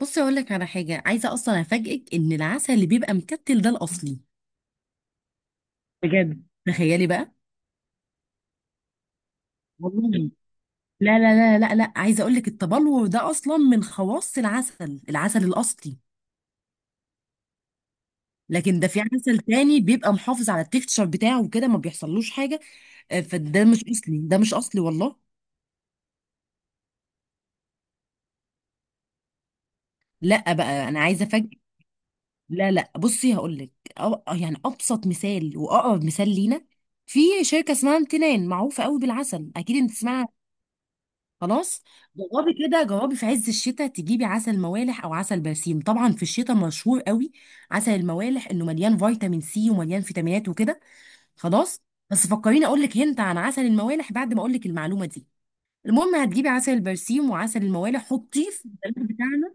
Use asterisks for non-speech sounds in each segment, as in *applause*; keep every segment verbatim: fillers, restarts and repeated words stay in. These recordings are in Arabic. بصي اقول لك على حاجه، عايزه اصلا افاجئك ان العسل اللي بيبقى مكتل ده الاصلي. بجد، تخيلي بقى. والله لا لا لا لا لا عايزه اقول لك التبلور ده اصلا من خواص العسل العسل الاصلي. لكن ده في عسل تاني بيبقى محافظ على التكتشر بتاعه وكده ما بيحصلوش حاجه. آه، فده مش اصلي، ده مش اصلي والله. لا بقى انا عايزه افاجئك. لا لا بصي هقول لك. يعني ابسط مثال واقرب مثال لينا، في شركه اسمها امتنان، معروفه قوي بالعسل، اكيد انت تسمعي. خلاص. جربي كده، جربي في عز الشتاء تجيبي عسل موالح او عسل برسيم. طبعا في الشتاء مشهور قوي عسل الموالح، انه مليان فيتامين سي ومليان فيتامينات وكده. خلاص. بس فكريني اقول لك هنت عن عسل الموالح بعد ما اقول لك المعلومه دي. المهم، هتجيبي عسل البرسيم وعسل الموالح، حطيه في التلاجة بتاعنا.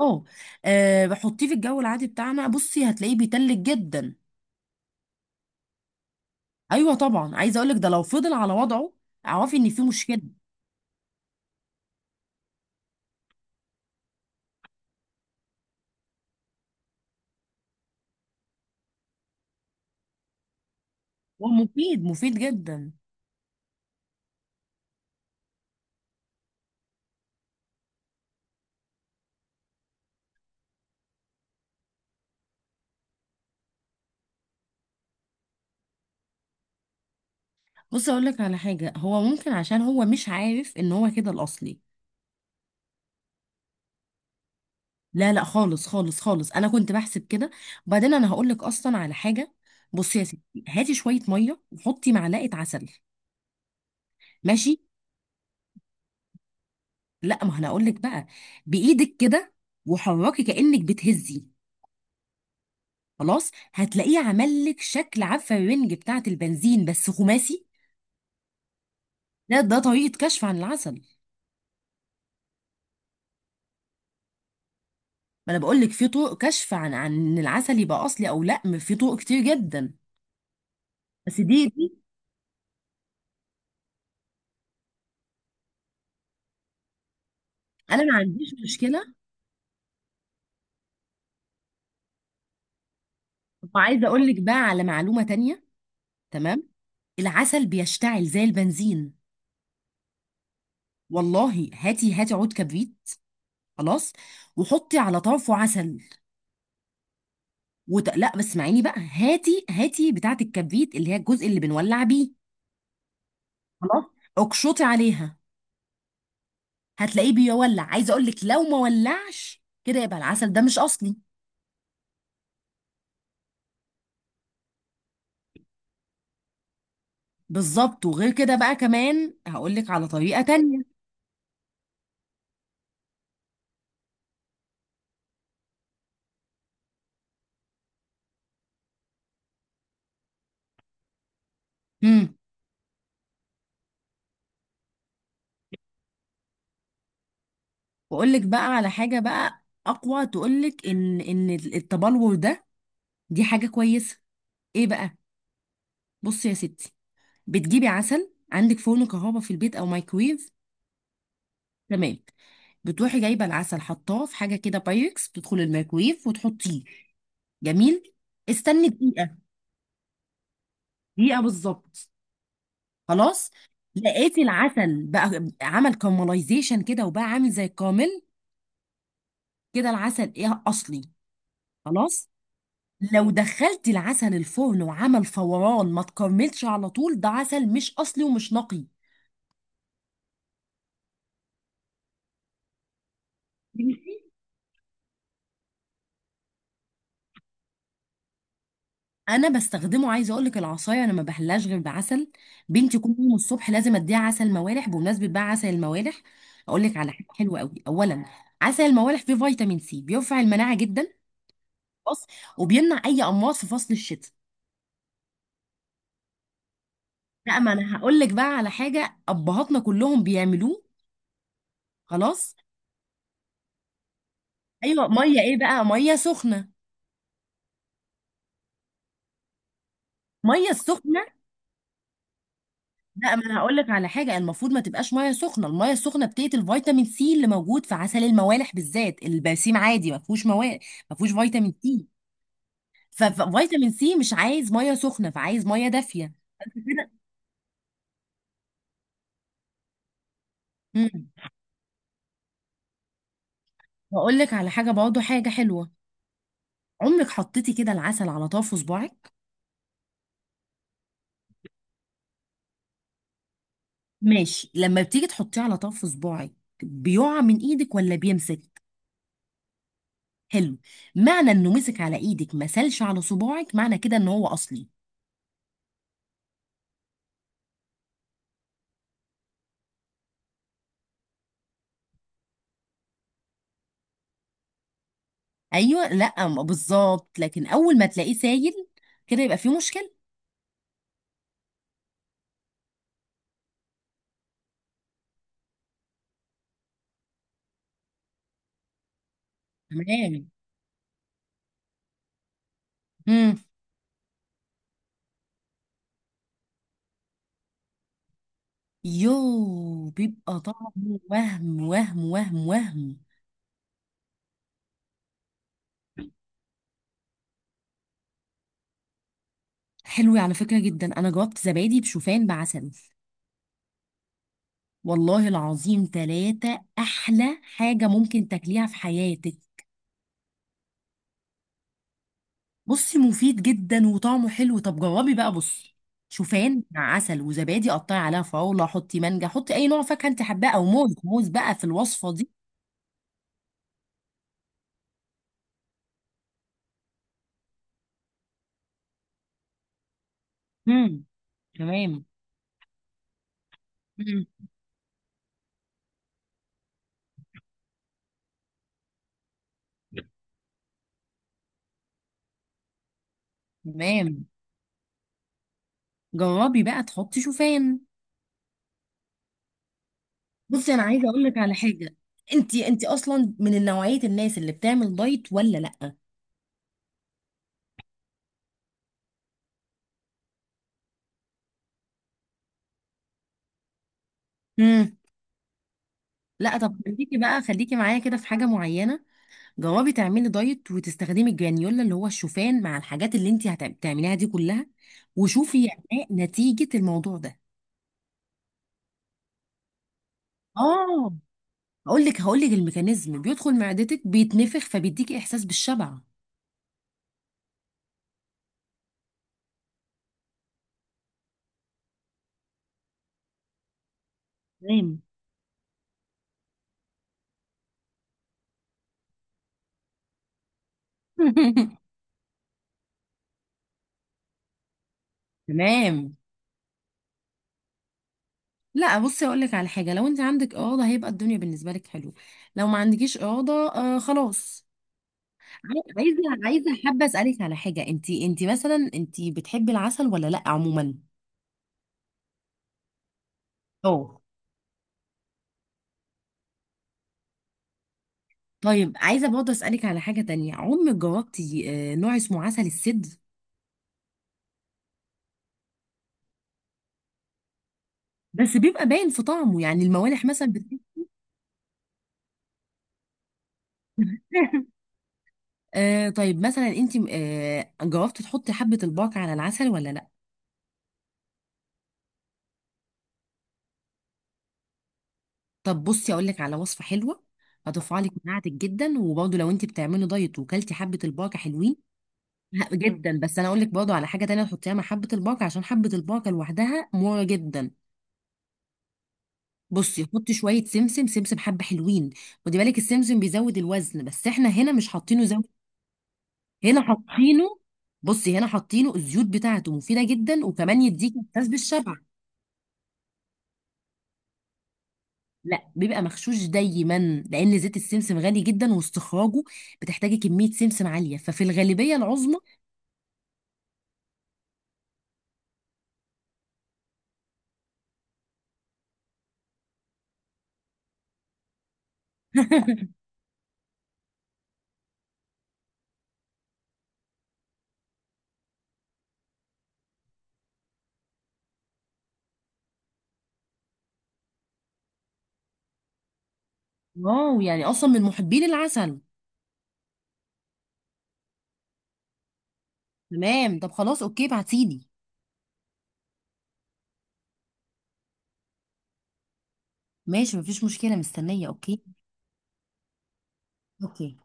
اه. آه، حطيه في الجو العادي بتاعنا، بصي هتلاقيه بيتلج جدا. ايوه طبعا، عايزه اقول لك ده لو فضل على وضعه اعرفي ان في مشكله. هو مفيد، مفيد جدا. بص اقول لك على حاجه، هو ممكن عشان هو مش عارف ان هو كده الاصلي. لا لا، خالص خالص خالص، انا كنت بحسب كده. وبعدين انا هقول لك اصلا على حاجه. بصي يا ستي، هاتي شويه ميه وحطي معلقه عسل. ماشي. لا، ما انا اقول لك بقى. بايدك كده، وحركي كانك بتهزي. خلاص، هتلاقيه عمل لك شكل، عارفه الرنج بتاعه البنزين بس خماسي. ده ده طريقه كشف عن العسل. ما انا بقول لك في طرق كشف عن عن إن العسل يبقى اصلي او لا، في طرق كتير جدا. بس دي دي انا ما عنديش مشكله. وعايزه اقول لك بقى على معلومه تانية. تمام. العسل بيشتعل زي البنزين، والله. هاتي هاتي عود كبريت، خلاص، وحطي على طرفه عسل. وت... لا بس اسمعيني بقى، هاتي هاتي بتاعه الكبريت اللي هي الجزء اللي بنولع بيه. خلاص، اقشطي عليها. هتلاقيه بيولع. عايزه اقول لك لو ما ولعش كده يبقى العسل ده مش اصلي. بالظبط. وغير كده بقى كمان هقول لك على طريقه تانية. مم. واقول لك بقى على حاجه بقى اقوى، تقول لك ان ان التبلور ده دي حاجه كويسه. ايه بقى؟ بصي يا ستي، بتجيبي عسل، عندك فرن كهرباء في البيت او مايكرويف؟ تمام. بتروحي جايبه العسل، حطاه في حاجه كده بايركس، بتدخل الميكرويف وتحطيه. جميل. استني دقيقه. دقيقه بالظبط. خلاص. لقيتي العسل بقى عمل كارملايزيشن كده، وبقى عامل زي الكامل، كده العسل ايه؟ اصلي. خلاص. لو دخلتي العسل الفرن وعمل فوران ما تكرملش على طول، ده عسل مش اصلي ومش نقي. بنتي. انا بستخدمه، عايزه اقول لك، العصايه انا ما بحلاش غير بعسل. بنتي كل يوم الصبح لازم اديها عسل موالح. بمناسبه بقى عسل الموالح، اقول لك على حاجه حلوه قوي. اولا، عسل الموالح فيه فيتامين سي بيرفع المناعه جدا. خلاص. وبيمنع اي امراض في فصل الشتاء. لا، ما انا هقول لك بقى على حاجه، ابهاتنا كلهم بيعملوه. خلاص. ايوه ميه. ايه بقى؟ ميه سخنه. ميه السخنه، لا، ما انا هقول لك على حاجه. المفروض ما تبقاش ميه سخنه. الميه السخنه بتقتل فيتامين سي اللي موجود في عسل الموالح، بالذات. البرسيم عادي ما فيهوش مواد، ما فيهوش فيتامين سي. ففيتامين سي مش عايز ميه سخنه، فعايز ميه دافيه. كده. امم. واقول لك على حاجه برضه، حاجه حلوه. عمرك حطيتي كده العسل على طرف صباعك؟ ماشي. لما بتيجي تحطيه على طرف صباعك، بيقع من ايدك ولا بيمسك؟ حلو. معنى انه مسك على ايدك، ما سالش على صباعك، معنى كده ان هو اصلي. ايوه. لا ما- بالظبط. لكن اول ما تلاقيه سايل كده، يبقى فيه مشكله. تمام. امم. يو، بيبقى طعمه وهم وهم وهم وهم حلو على فكره جدا، انا جربت زبادي بشوفان بعسل، والله العظيم ثلاثة أحلى حاجة ممكن تاكليها في حياتك. بصي مفيد جدا وطعمه حلو، طب جربي بقى. بصي، شوفان مع عسل وزبادي، قطعي عليها فراولة، حطي مانجا، حطي أي نوع فاكهة أنت حباه، أو موز موز بقى في الوصفة دي. امم. تمام. مم. تمام. جربي بقى تحطي شوفان. بصي انا عايزه اقول لك على حاجه، انت انت اصلا من نوعيه الناس اللي بتعمل دايت ولا لا؟ امم. لا طب خليكي بقى، خليكي معايا كده في حاجه معينه. جربي تعملي دايت وتستخدمي الجرانيولا، اللي هو الشوفان، مع الحاجات اللي انت هتعمليها دي كلها، وشوفي يعني نتيجه الموضوع ده. اه. هقول لك هقول لك الميكانيزم. بيدخل معدتك بيتنفخ، فبيديكي احساس بالشبع. تمام. *laughs* تمام. لا بصي اقول لك على حاجه، لو انت عندك اراده هيبقى الدنيا بالنسبه لك حلو. لو ما عندكيش اراده، آه خلاص. عاي- عايزه، عايزه حابه اسالك على حاجه، انت انت مثلا انت بتحبي العسل ولا لا عموما؟ اه. طيب عايزه برضه اسالك على حاجه تانية، عمرك جربتي آه نوع اسمه عسل السد؟ بس بيبقى باين في طعمه، يعني الموالح مثلا بت... *laughs* آه طيب مثلا انت آه جربتي تحطي حبه الباقة على العسل ولا لا؟ طب بصي اقول لك على وصفه حلوه، هترفع لك مناعتك جدا، وبرضه لو انت بتعملي دايت وكلتي حبه البركه حلوين. ه- جدا. بس انا اقول لك برضه على حاجه تانية تحطيها مع حبه البركه، عشان حبه البركه لوحدها مره جدا. بصي حطي شويه سمسم. سمسم حبه حلوين. خدي بالك، السمسم بيزود الوزن، بس احنا هنا مش حاطينه زود. هنا حاطينه، بصي هنا حاطينه الزيوت بتاعته مفيده جدا، وكمان يديك احساس بالشبع. لا بيبقى مغشوش دايما، لان زيت السمسم غالي جدا، واستخراجه بتحتاجي كميه سمسم عاليه، ففي الغالبيه العظمى. *laughs* واو، يعني اصلا من محبين العسل. تمام. طب خلاص اوكي، بعتيلي. ماشي، مفيش مشكله، مستنيه. اوكي. اوكي.